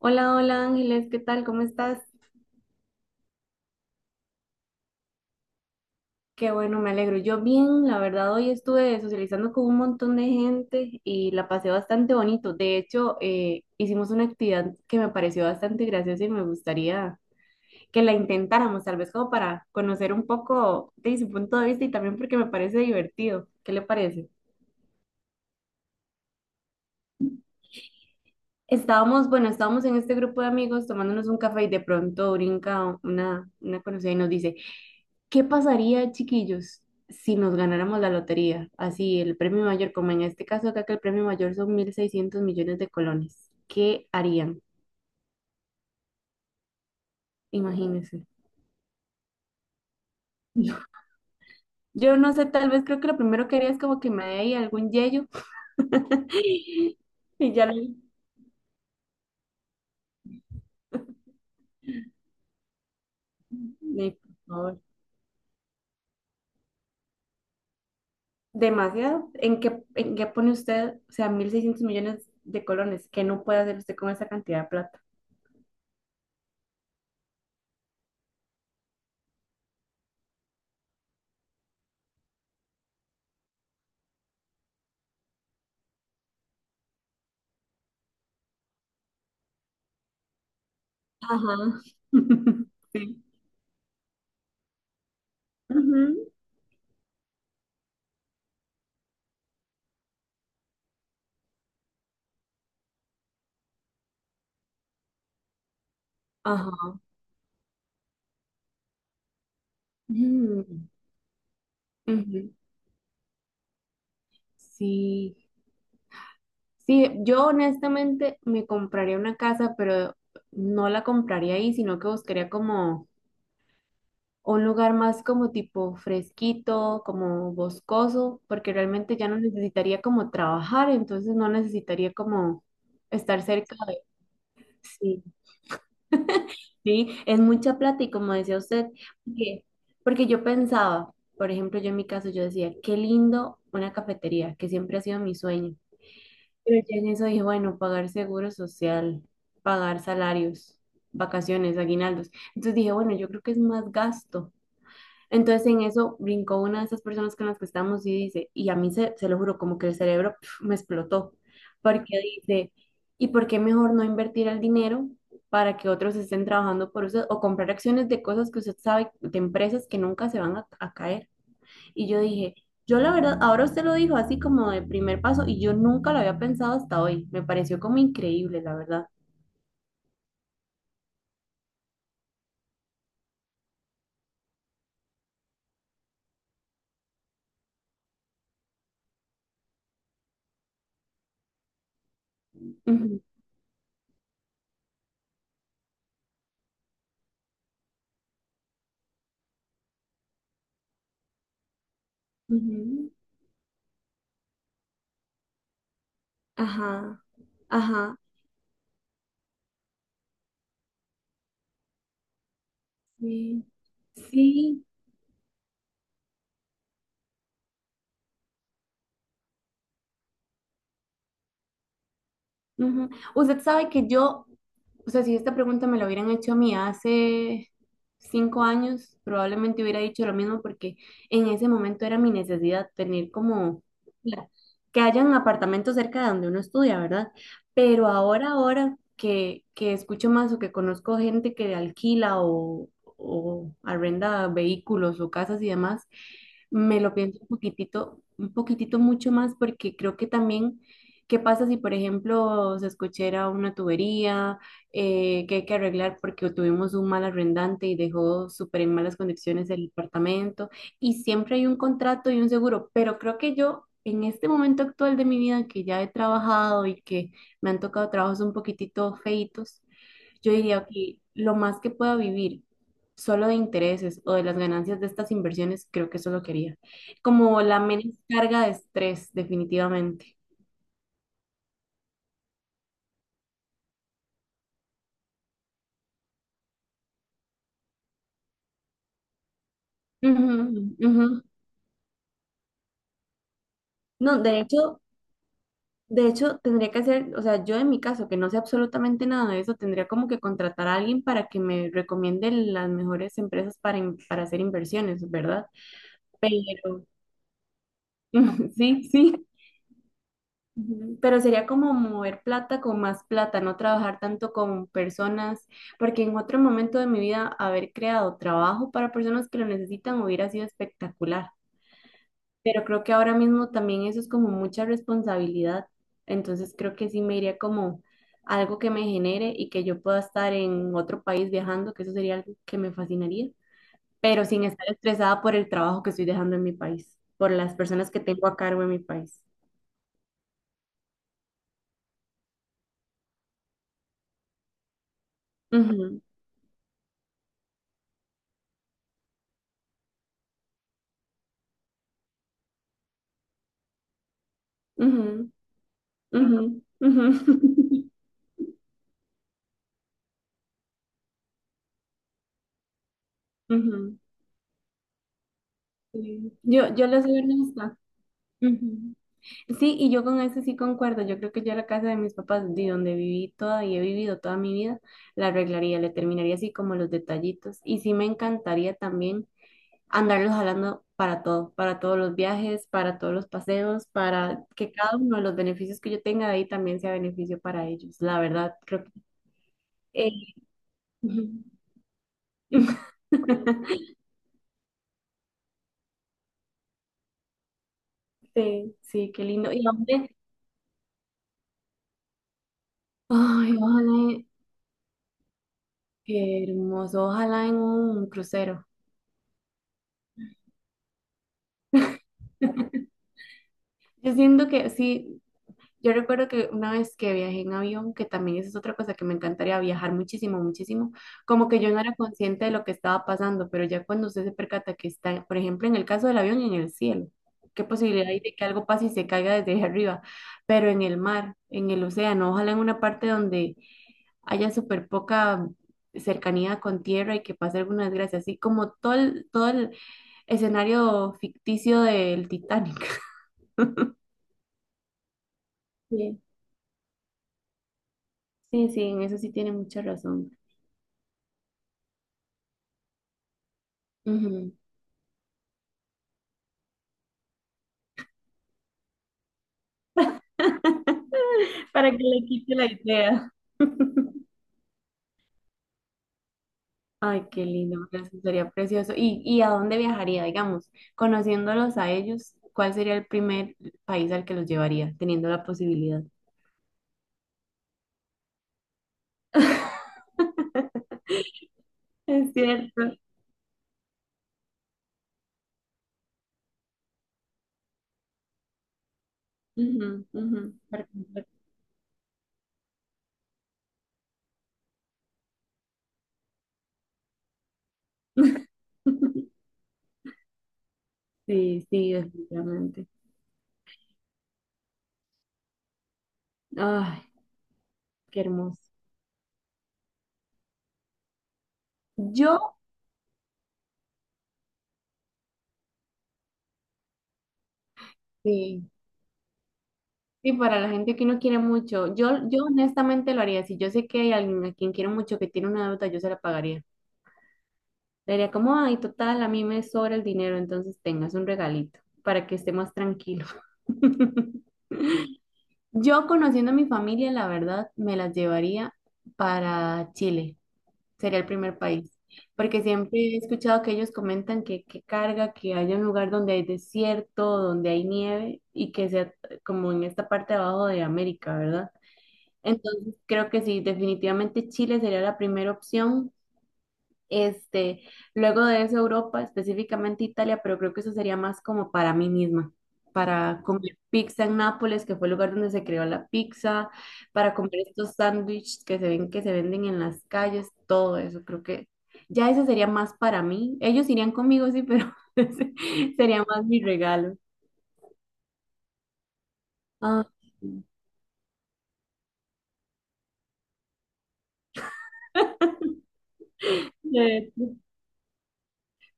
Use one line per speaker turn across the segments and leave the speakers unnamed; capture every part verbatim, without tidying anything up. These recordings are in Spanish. Hola, hola Ángeles, ¿qué tal? ¿Cómo estás? Qué bueno, me alegro. Yo bien, la verdad, hoy estuve socializando con un montón de gente y la pasé bastante bonito. De hecho, eh, hicimos una actividad que me pareció bastante graciosa y me gustaría que la intentáramos, tal vez como para conocer un poco de su punto de vista y también porque me parece divertido. ¿Qué le parece? Estábamos, bueno, estábamos en este grupo de amigos tomándonos un café y de pronto brinca una, una conocida y nos dice, ¿qué pasaría, chiquillos, si nos ganáramos la lotería? Así, el premio mayor, como en este caso acá que el premio mayor son mil seiscientos millones de colones. ¿Qué harían? Imagínense. Yo no sé, tal vez creo que lo primero que haría es como que me dé ahí algún yello. Y ya le... le- por favor. Demasiado. ¿En qué, en qué pone usted, o sea, mil seiscientos millones de colones? ¿Qué no puede hacer usted con esa cantidad de plata? Ajá. Sí. Ujú. Ajá. Mm. Ujú. Sí, sí, yo honestamente me compraría una casa, pero no la compraría ahí, sino que buscaría como un lugar más como tipo fresquito, como boscoso, porque realmente ya no necesitaría como trabajar, entonces no necesitaría como estar cerca de... Sí, sí, es mucha plata y como decía usted, porque, porque yo pensaba, por ejemplo, yo en mi caso, yo decía, qué lindo una cafetería, que siempre ha sido mi sueño. Pero ya en eso dije, bueno, pagar seguro social, pagar salarios, vacaciones, aguinaldos. Entonces dije, bueno, yo creo que es más gasto. Entonces en eso brincó una de esas personas con las que estamos y dice, y a mí se, se lo juro, como que el cerebro pf, me explotó, porque dice, ¿y por qué mejor no invertir el dinero para que otros estén trabajando por usted o comprar acciones de cosas que usted sabe, de empresas que nunca se van a a caer? Y yo dije, yo la verdad, ahora usted lo dijo así como de primer paso y yo nunca lo había pensado hasta hoy. Me pareció como increíble, la verdad. Ujú, ujú. Ajá, ajá. Sí, sí, ujú. Usted sabe que yo, o sea, si esta pregunta me la hubieran hecho a mí hace cinco años, probablemente hubiera dicho lo mismo porque en ese momento era mi necesidad tener como la- que hayan apartamentos cerca de donde uno estudia, ¿verdad? Pero ahora, ahora que, que escucho más o que conozco gente que alquila o, o arrenda vehículos o casas y demás, me lo pienso un poquitito, un poquitito mucho más porque creo que también, ¿qué pasa si, por ejemplo, se escuchara una tubería eh, que hay que arreglar porque tuvimos un mal arrendante y dejó súper en malas condiciones el departamento? Y siempre hay un contrato y un seguro, pero creo que yo en este momento actual de mi vida que ya he trabajado y que me han tocado trabajos un poquitito feitos, yo diría que lo más que pueda vivir solo de intereses o de las ganancias de estas inversiones, creo que eso es lo que haría. Como la menos carga de estrés, definitivamente. Ujú, ujú. No, de hecho, de hecho, tendría que hacer, o sea, yo en mi caso, que no sé absolutamente nada de eso, tendría como que contratar a alguien para que me recomiende las mejores empresas para, in- para hacer inversiones, ¿verdad? Pero, sí, sí. Ujú. Pero sería como mover plata con más plata, no trabajar tanto con personas, porque en otro momento de mi vida haber creado trabajo para personas que lo necesitan hubiera sido espectacular. Pero creo que ahora mismo también eso es como mucha responsabilidad, entonces creo que sí me iría como algo que me genere y que yo pueda estar en otro país viajando, que eso sería algo que me fascinaría, pero sin estar estresada por el trabajo que estoy dejando en mi país, por las personas que tengo a cargo en mi país. Ujú, ujú. Ujú, ujú, ujú. Sí. Yo, yo le soy honesta. Ujú. Sí, y yo con eso sí concuerdo. Yo creo que yo la casa de mis papás, de donde viví toda y he vivido toda mi vida, la arreglaría, le terminaría así como los detallitos. Y sí me encantaría también andarlos jalando para todo, para todos los viajes, para todos los paseos, para que cada uno de los beneficios que yo tenga de ahí también sea beneficio para ellos. La verdad, creo que... eh, ujú. Sí, sí, qué lindo. Y hombre, ay, ojalá, en- qué hermoso, ojalá en un crucero. Yo siento que sí, yo recuerdo que una vez que viajé en avión, que también esa es otra cosa que me encantaría viajar muchísimo, muchísimo, como que yo no era consciente de lo que estaba pasando, pero ya cuando usted se percata que está, por ejemplo, en el caso del avión, en el cielo, qué posibilidad hay de que algo pase y se caiga desde ahí arriba, pero en el mar, en el océano, ojalá en una parte donde haya súper poca cercanía con tierra y que pase alguna desgracia, así como todo el, todo el escenario ficticio del Titanic. Sí, sí, sí, en eso sí tiene mucha razón. Ujú. Para que le quite la idea. Ay, qué lindo, pero eso sería precioso. ¿Y, y a dónde viajaría, digamos? Conociéndolos a ellos, ¿cuál sería el primer país al que los llevaría, teniendo la posibilidad? Es cierto. Ujú, ujú. Para comprar. Sí, sí, definitivamente. Ay, qué hermoso. Yo, sí, sí, para la gente que no quiere mucho, yo, yo honestamente lo haría. Si yo sé que hay alguien a quien quiero mucho que tiene una deuda, yo se la pagaría. Le diría como, ay, total, a mí me sobra el dinero, entonces tengas un regalito para que esté más tranquilo. Yo conociendo a mi familia, la verdad, me las llevaría para Chile, sería el primer país, porque siempre he escuchado que ellos comentan que, que carga, que haya un lugar donde hay desierto, donde hay nieve y que sea como en esta parte de abajo de América, ¿verdad? Entonces creo que sí, definitivamente Chile sería la primera opción, este, luego de eso Europa, específicamente Italia, pero creo que eso sería más como para mí misma, para comer pizza en Nápoles, que fue el lugar donde se creó la pizza, para comer estos sándwiches que se ven que se venden en las calles, todo eso, creo que ya eso sería más para mí. Ellos irían conmigo, sí, pero ese sería más mi regalo. Ah, sí.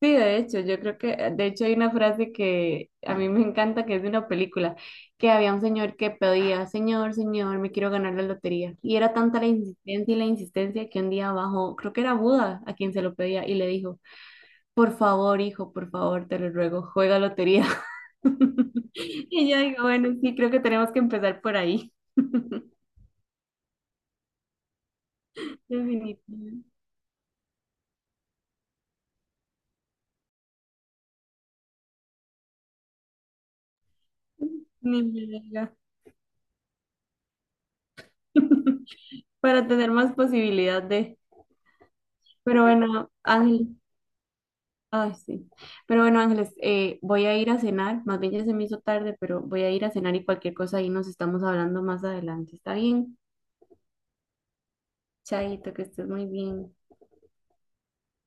Sí, de hecho, yo creo que, de hecho hay una frase que a mí me encanta, que es de una película, que había un señor que pedía, señor, señor, me quiero ganar la lotería. Y era tanta la insistencia y la insistencia que un día bajó, creo que era Buda a quien se lo pedía y le dijo, por favor, hijo, por favor, te lo ruego, juega lotería. Y yo digo, bueno, sí, creo que tenemos que empezar por ahí. Definitivamente. Ni me diga. Para tener más posibilidad de... Pero bueno, Ángel. Ay, sí. Pero bueno, Ángeles, eh, voy a ir a cenar. Más bien ya se me hizo tarde, pero voy a ir a cenar y cualquier cosa ahí nos estamos hablando más adelante. ¿Está bien? Chaito, que estés muy bien.